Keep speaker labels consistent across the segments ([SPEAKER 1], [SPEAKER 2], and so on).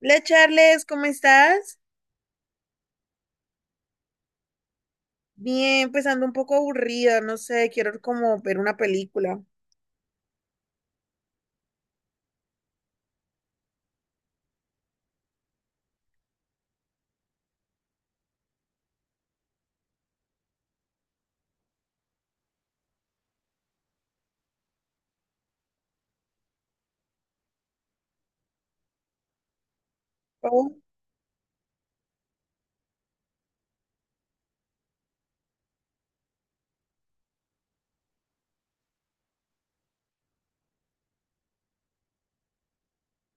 [SPEAKER 1] Hola Charles, ¿cómo estás? Bien, pues ando un poco aburrida, no sé, quiero como ver una película. Oh,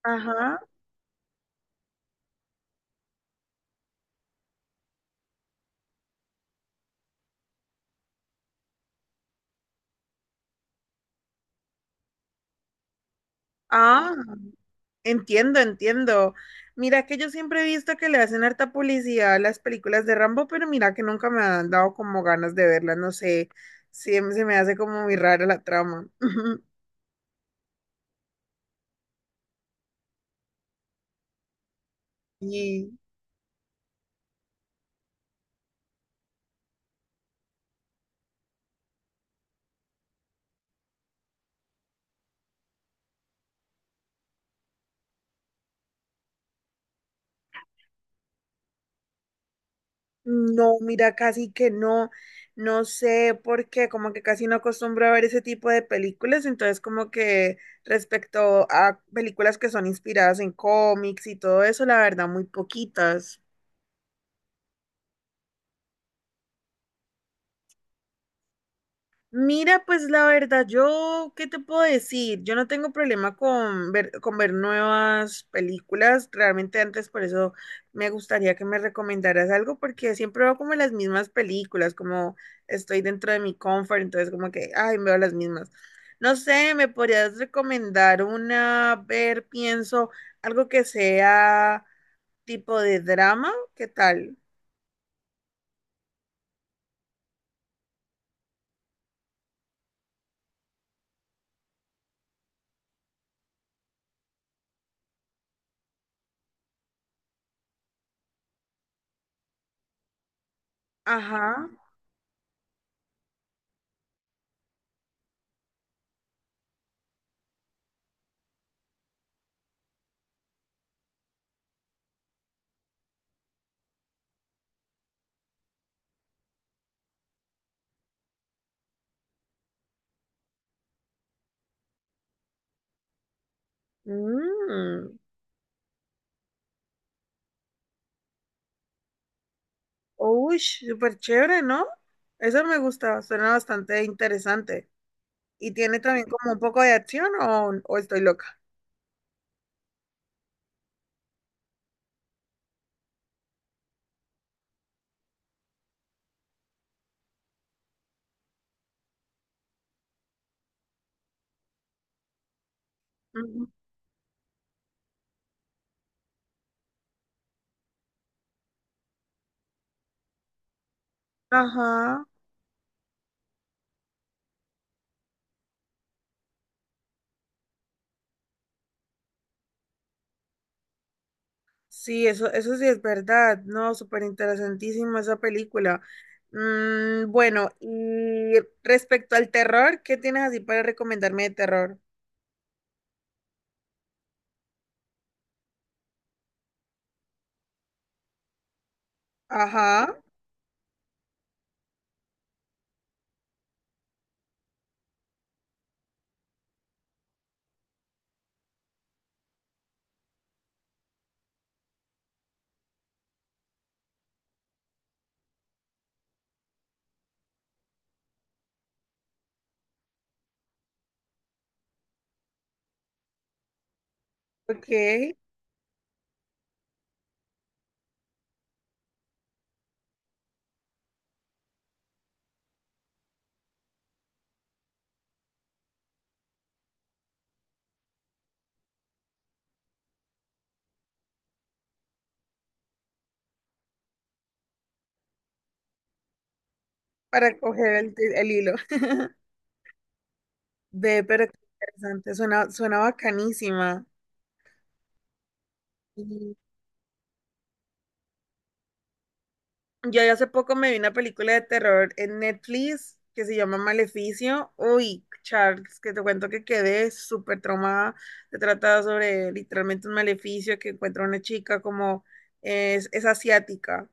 [SPEAKER 1] ajá. Ah, entiendo, entiendo. Mira que yo siempre he visto que le hacen harta publicidad a las películas de Rambo, pero mira que nunca me han dado como ganas de verlas, no sé, sí, se me hace como muy rara la trama. Y no, mira, casi que no, no sé por qué, como que casi no acostumbro a ver ese tipo de películas, entonces como que respecto a películas que son inspiradas en cómics y todo eso, la verdad, muy poquitas. Mira, pues la verdad, yo, ¿qué te puedo decir? Yo no tengo problema con ver nuevas películas. Realmente antes por eso me gustaría que me recomendaras algo, porque siempre veo como las mismas películas, como estoy dentro de mi comfort, entonces como que, ay, veo las mismas. No sé, ¿me podrías recomendar una? A ver, pienso, algo que sea tipo de drama. ¿Qué tal? Ajá. Mm. Uy, súper chévere, ¿no? Eso me gusta, suena bastante interesante. ¿Y tiene también como un poco de acción o estoy loca? Ujú. Ajá, sí, eso sí es verdad, ¿no? Súper interesantísima esa película. Mm, bueno, y respecto al terror, ¿qué tienes así para recomendarme de terror? Ajá, ok, para coger el hilo. Ve, pero qué interesante, suena, suena bacanísima. Yo hace poco me vi una película de terror en Netflix que se llama Maleficio. Uy, Charles, que te cuento que quedé súper traumada. Se trata sobre literalmente un maleficio que encuentra una chica como es asiática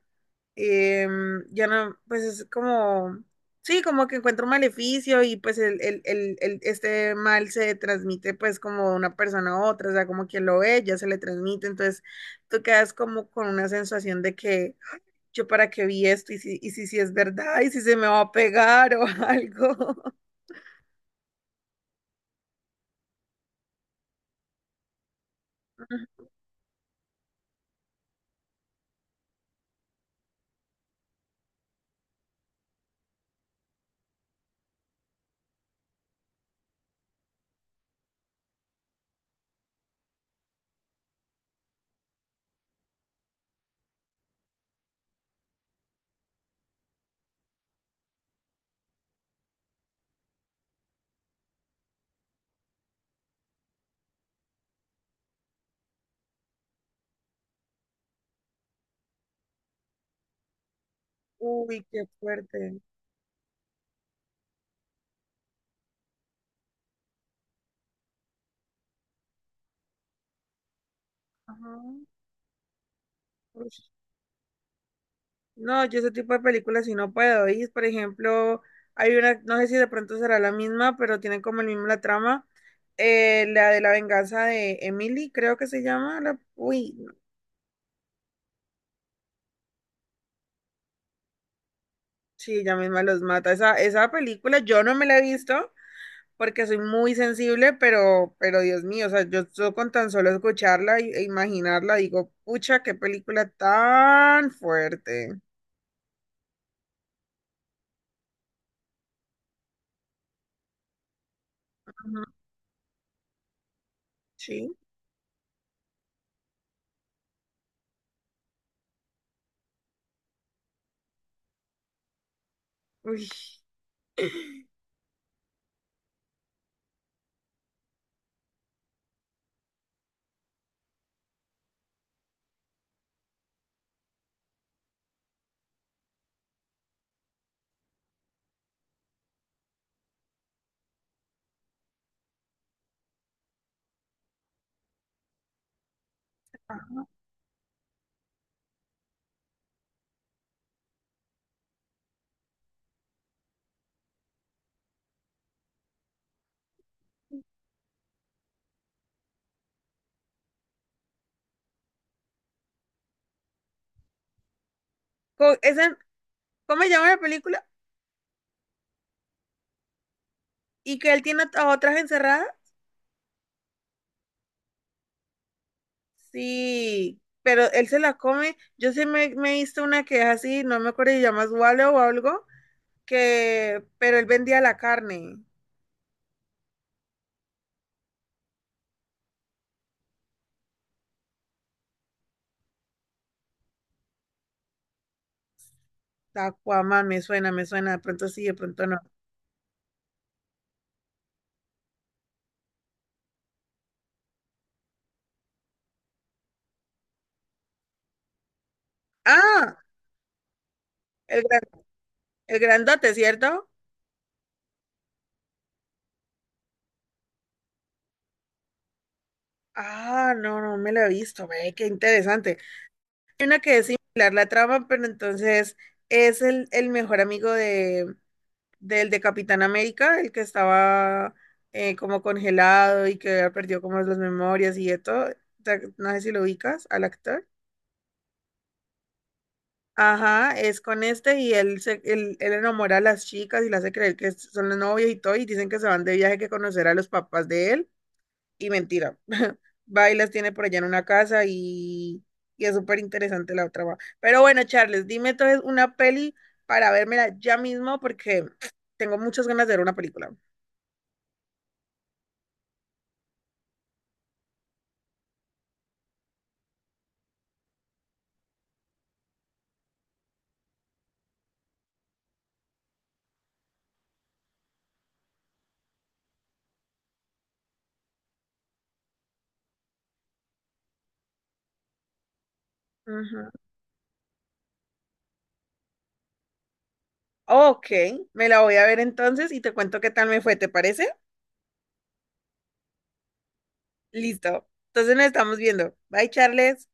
[SPEAKER 1] ya no, pues es como, sí, como que encuentra un maleficio y pues este mal se transmite pues como de una persona a otra, o sea, como quien lo ve, ya se le transmite, entonces tú quedas como con una sensación de que yo para qué vi esto y si, si es verdad y si se me va a pegar o algo. Uy, qué fuerte. Ajá. Uy. No, yo ese tipo de películas si no puedo ir. Por ejemplo, hay una, no sé si de pronto será la misma, pero tienen como el mismo la trama. La de la venganza de Emily, creo que se llama. Uy, no, sí, ella misma los mata. Esa película yo no me la he visto porque soy muy sensible, pero Dios mío, o sea, con tan solo escucharla e imaginarla, digo, pucha, qué película tan fuerte. Ujú. Sí. Uy. Ajá. Co- esa- ¿Cómo se llama la película? Y que él tiene a otras encerradas, sí, pero él se las come. Yo sí me hice una que es así, no me acuerdo si llamas Wale o algo, que, pero él vendía la carne. Aquaman, me suena, de pronto sí, de pronto no. Ah, el, gran- el grandote, ¿cierto? Ah, no, no me lo he visto, ve, qué interesante. Hay una que es similar la trama, pero entonces es el mejor amigo de, del de Capitán América, el que estaba como congelado y que había perdido como las memorias y de todo. No sé si lo ubicas al actor. Ajá, es con este y él, se, él enamora a las chicas y le hace creer que son los novios y todo y dicen que se van de viaje que conocer a los papás de él y mentira. Va y las tiene por allá en una casa y es súper interesante la otra. Va. Pero bueno, Charles, dime entonces una peli para vérmela ya mismo porque tengo muchas ganas de ver una película. Ujú. Ok, me la voy a ver entonces y te cuento qué tal me fue, ¿te parece? Listo. Entonces nos estamos viendo. Bye, Charles.